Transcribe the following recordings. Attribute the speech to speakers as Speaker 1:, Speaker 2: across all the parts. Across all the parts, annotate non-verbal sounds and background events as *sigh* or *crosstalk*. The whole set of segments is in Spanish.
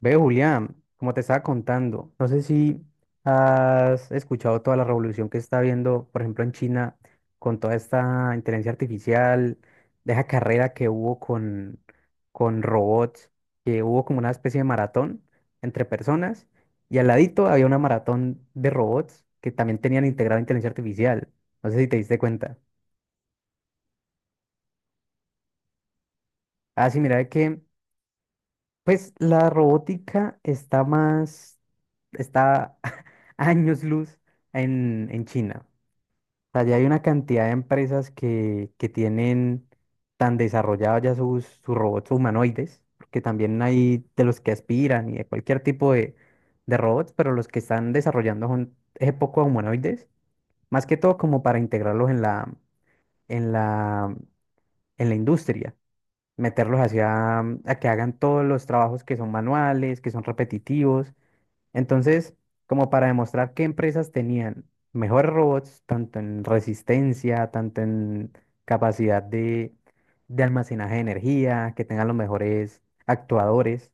Speaker 1: Ve, Julián, como te estaba contando, no sé si has escuchado toda la revolución que está habiendo, por ejemplo, en China, con toda esta inteligencia artificial, de esa carrera que hubo con robots, que hubo como una especie de maratón entre personas, y al ladito había una maratón de robots que también tenían integrada inteligencia artificial. No sé si te diste cuenta. Ah, sí, mira, de que pues la robótica está más está *laughs* años luz en China. O sea, ya hay una cantidad de empresas que tienen tan desarrollados ya sus robots humanoides, porque también hay de los que aspiran y de cualquier tipo de robots, pero los que están desarrollando son es poco humanoides, más que todo como para integrarlos en en la, en la industria, meterlos hacia a que hagan todos los trabajos que son manuales, que son repetitivos entonces, como para demostrar qué empresas tenían mejores robots, tanto en resistencia, tanto en capacidad de almacenaje de energía, que tengan los mejores actuadores,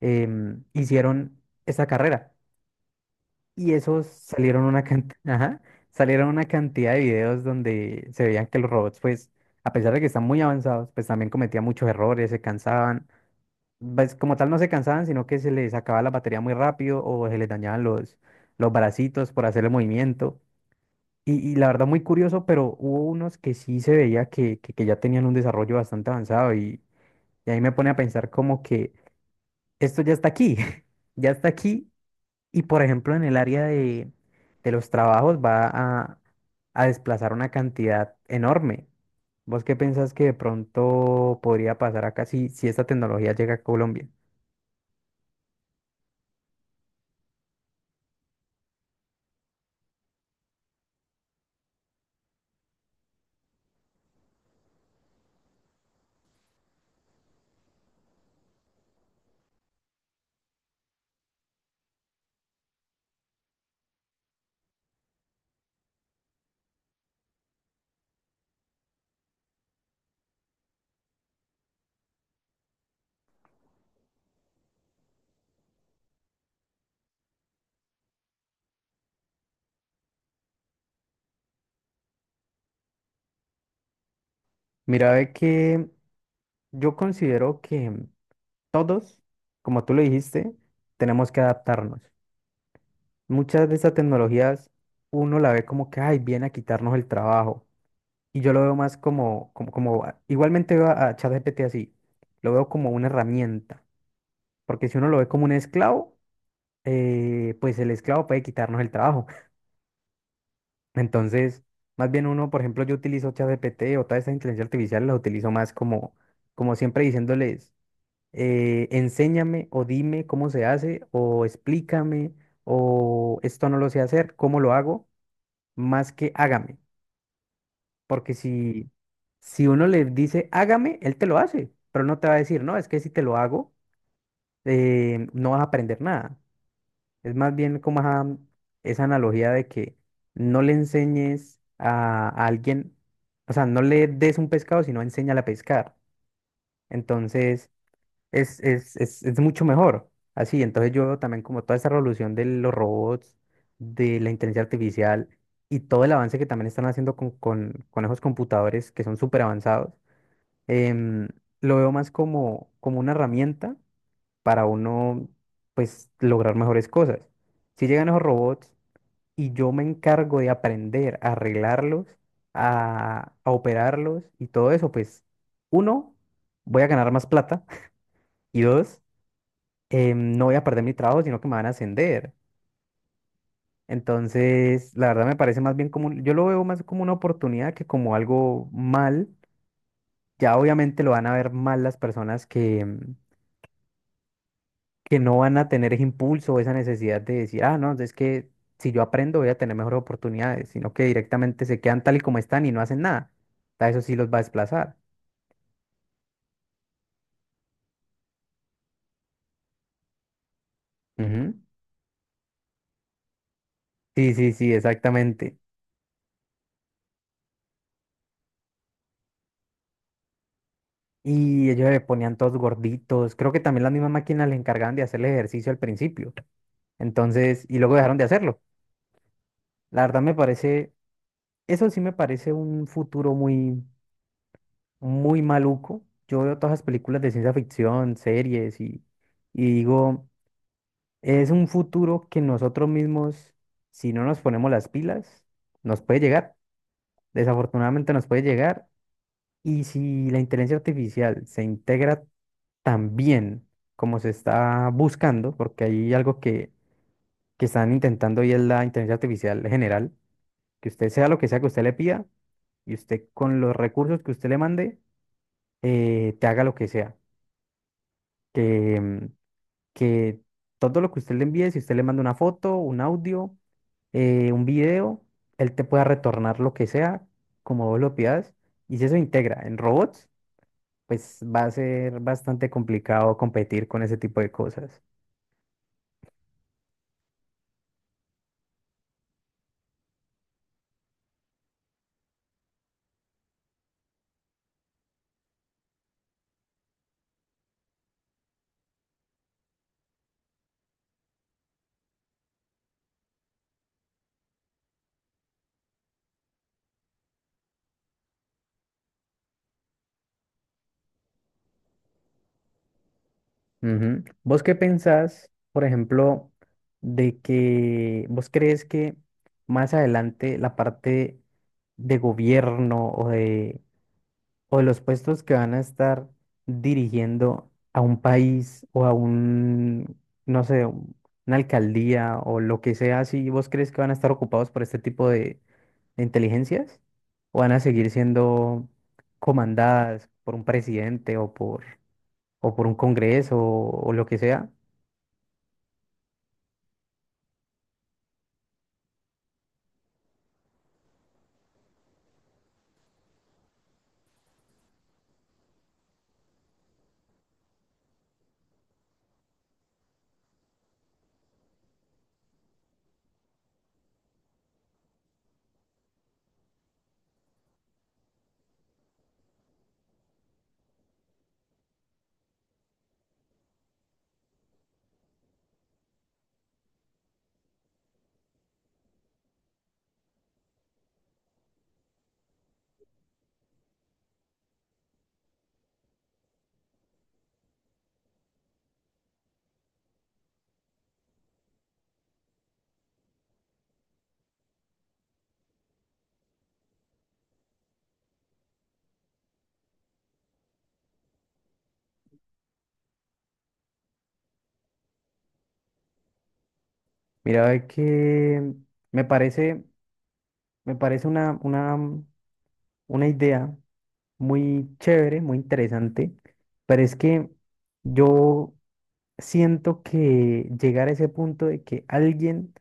Speaker 1: hicieron esa carrera. Y esos salieron una cantidad, *laughs* salieron una cantidad de videos donde se veían que los robots, pues, a pesar de que están muy avanzados, pues también cometían muchos errores, se cansaban pues, como tal no se cansaban, sino que se les acababa la batería muy rápido o se les dañaban los bracitos por hacer el movimiento. Y la verdad muy curioso, pero hubo unos que sí se veía que ya tenían un desarrollo bastante avanzado y ahí me pone a pensar como que esto ya está aquí, *laughs* ya está aquí y por ejemplo en el área de los trabajos a desplazar una cantidad enorme. ¿Vos qué pensás que de pronto podría pasar acá si esta tecnología llega a Colombia? Mira, ve que yo considero que todos, como tú lo dijiste, tenemos que adaptarnos. Muchas de estas tecnologías uno la ve como que, ay, viene a quitarnos el trabajo. Y yo lo veo más igualmente veo a ChatGPT así, lo veo como una herramienta. Porque si uno lo ve como un esclavo, pues el esclavo puede quitarnos el trabajo. *laughs* Entonces, más bien uno, por ejemplo, yo utilizo ChatGPT o toda esta inteligencia artificial, la utilizo más como, como siempre diciéndoles. Enséñame o dime cómo se hace o explícame o esto no lo sé hacer, cómo lo hago, más que hágame. Porque si, si uno le dice hágame, él te lo hace, pero no te va a decir, no, es que si te lo hago, no vas a aprender nada. Es más bien como esa analogía de que no le enseñes a alguien, o sea, no le des un pescado, sino enséñale a pescar. Entonces, es mucho mejor. Así, entonces yo veo también como toda esa revolución de los robots, de la inteligencia artificial y todo el avance que también están haciendo con esos computadores que son súper avanzados, em, lo veo más como, como una herramienta para uno, pues, lograr mejores cosas. Si llegan esos robots y yo me encargo de aprender a arreglarlos, a operarlos y todo eso, pues, uno, voy a ganar más plata *laughs* y dos, no voy a perder mi trabajo, sino que me van a ascender. Entonces, la verdad me parece más bien como, yo lo veo más como una oportunidad que como algo mal. Ya obviamente lo van a ver mal las personas que, que no van a tener ese impulso o esa necesidad de decir, ah, no, es que si yo aprendo voy a tener mejores oportunidades, sino que directamente se quedan tal y como están y no hacen nada. Eso sí los va a desplazar. Ujú. Sí, sí, sí, exactamente. Y ellos se ponían todos gorditos. Creo que también las mismas máquinas les encargaban de hacer el ejercicio al principio. Entonces, y luego dejaron de hacerlo. La verdad me parece, eso sí me parece un futuro muy, muy maluco. Yo veo todas las películas de ciencia ficción, series y digo, es un futuro que nosotros mismos, si no nos ponemos las pilas, nos puede llegar. Desafortunadamente nos puede llegar. Y si la inteligencia artificial se integra tan bien como se está buscando, porque hay algo que están intentando y es la inteligencia artificial general, que usted sea lo que sea que usted le pida y usted con los recursos que usted le mande, te haga lo que sea. Que, que todo lo que usted le envíe, si usted le manda una foto, un audio, un video, él te pueda retornar lo que sea, como vos lo pidas. Y si eso integra en robots, pues va a ser bastante complicado competir con ese tipo de cosas. Ujú. ¿Vos qué pensás, por ejemplo, de que vos crees que más adelante la parte de gobierno o de los puestos que van a estar dirigiendo a un país o a un, no sé, una alcaldía o lo que sea, si vos crees que van a estar ocupados por este tipo de inteligencias o van a seguir siendo comandadas por un presidente o por un congreso o lo que sea? Mira, es que me parece, me parece una idea muy chévere, muy interesante, pero es que yo siento que llegar a ese punto de que alguien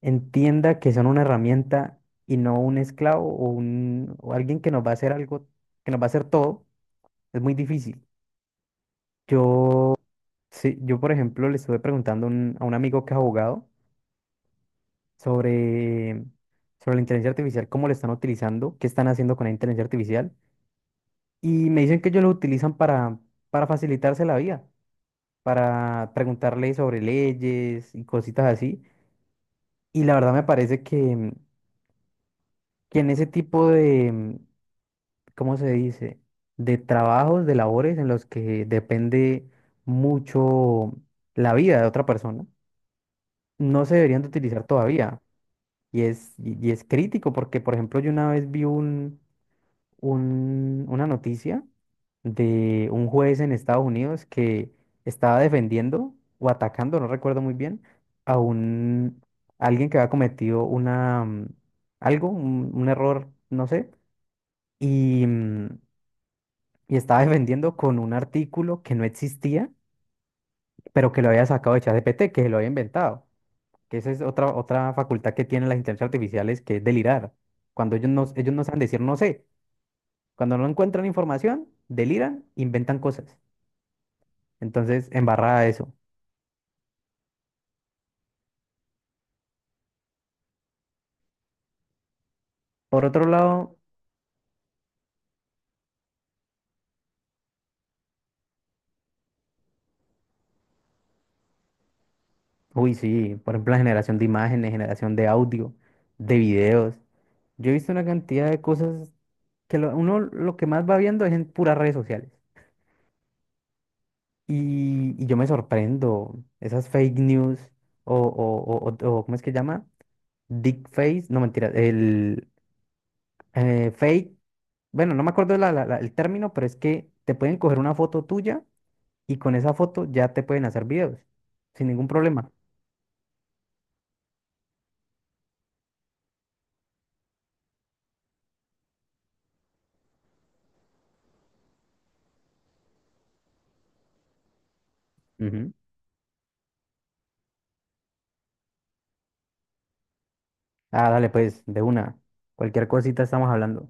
Speaker 1: entienda que son una herramienta y no un esclavo o alguien que nos va a hacer algo, que nos va a hacer todo, es muy difícil. Yo, sí, yo por ejemplo, le estuve preguntando a un amigo que es abogado. Sobre sobre, la inteligencia artificial, cómo la están utilizando, qué están haciendo con la inteligencia artificial. Y me dicen que ellos lo utilizan para facilitarse la vida, para preguntarle sobre leyes y cositas así. Y la verdad me parece que en ese tipo de, ¿cómo se dice? De trabajos, de labores en los que depende mucho la vida de otra persona, no se deberían de utilizar todavía. Y es crítico porque, por ejemplo, yo una vez vi un, una noticia de un juez en Estados Unidos que estaba defendiendo o atacando, no recuerdo muy bien, a un alguien que había cometido una un error, no sé, y, mm, y estaba defendiendo con un artículo que no existía, pero que lo había sacado de ChatGPT, que se lo había inventado. Que esa es otra facultad que tienen las inteligencias artificiales, que es delirar. Cuando ellos no saben decir no sé. Cuando no encuentran información, deliran, inventan cosas. Entonces, embarrada eso. Por otro lado, uy, sí, por ejemplo, la generación de imágenes, generación de audio, de videos. Yo he visto una cantidad de cosas que uno lo que más va viendo es en puras redes sociales. Y yo me sorprendo, esas fake news o, o, ¿cómo es que llama? Dick face, no mentira, el fake, bueno, no me acuerdo el término, pero es que te pueden coger una foto tuya y con esa foto ya te pueden hacer videos sin ningún problema. Ujú. Ah, dale, pues, de una. Cualquier cosita estamos hablando.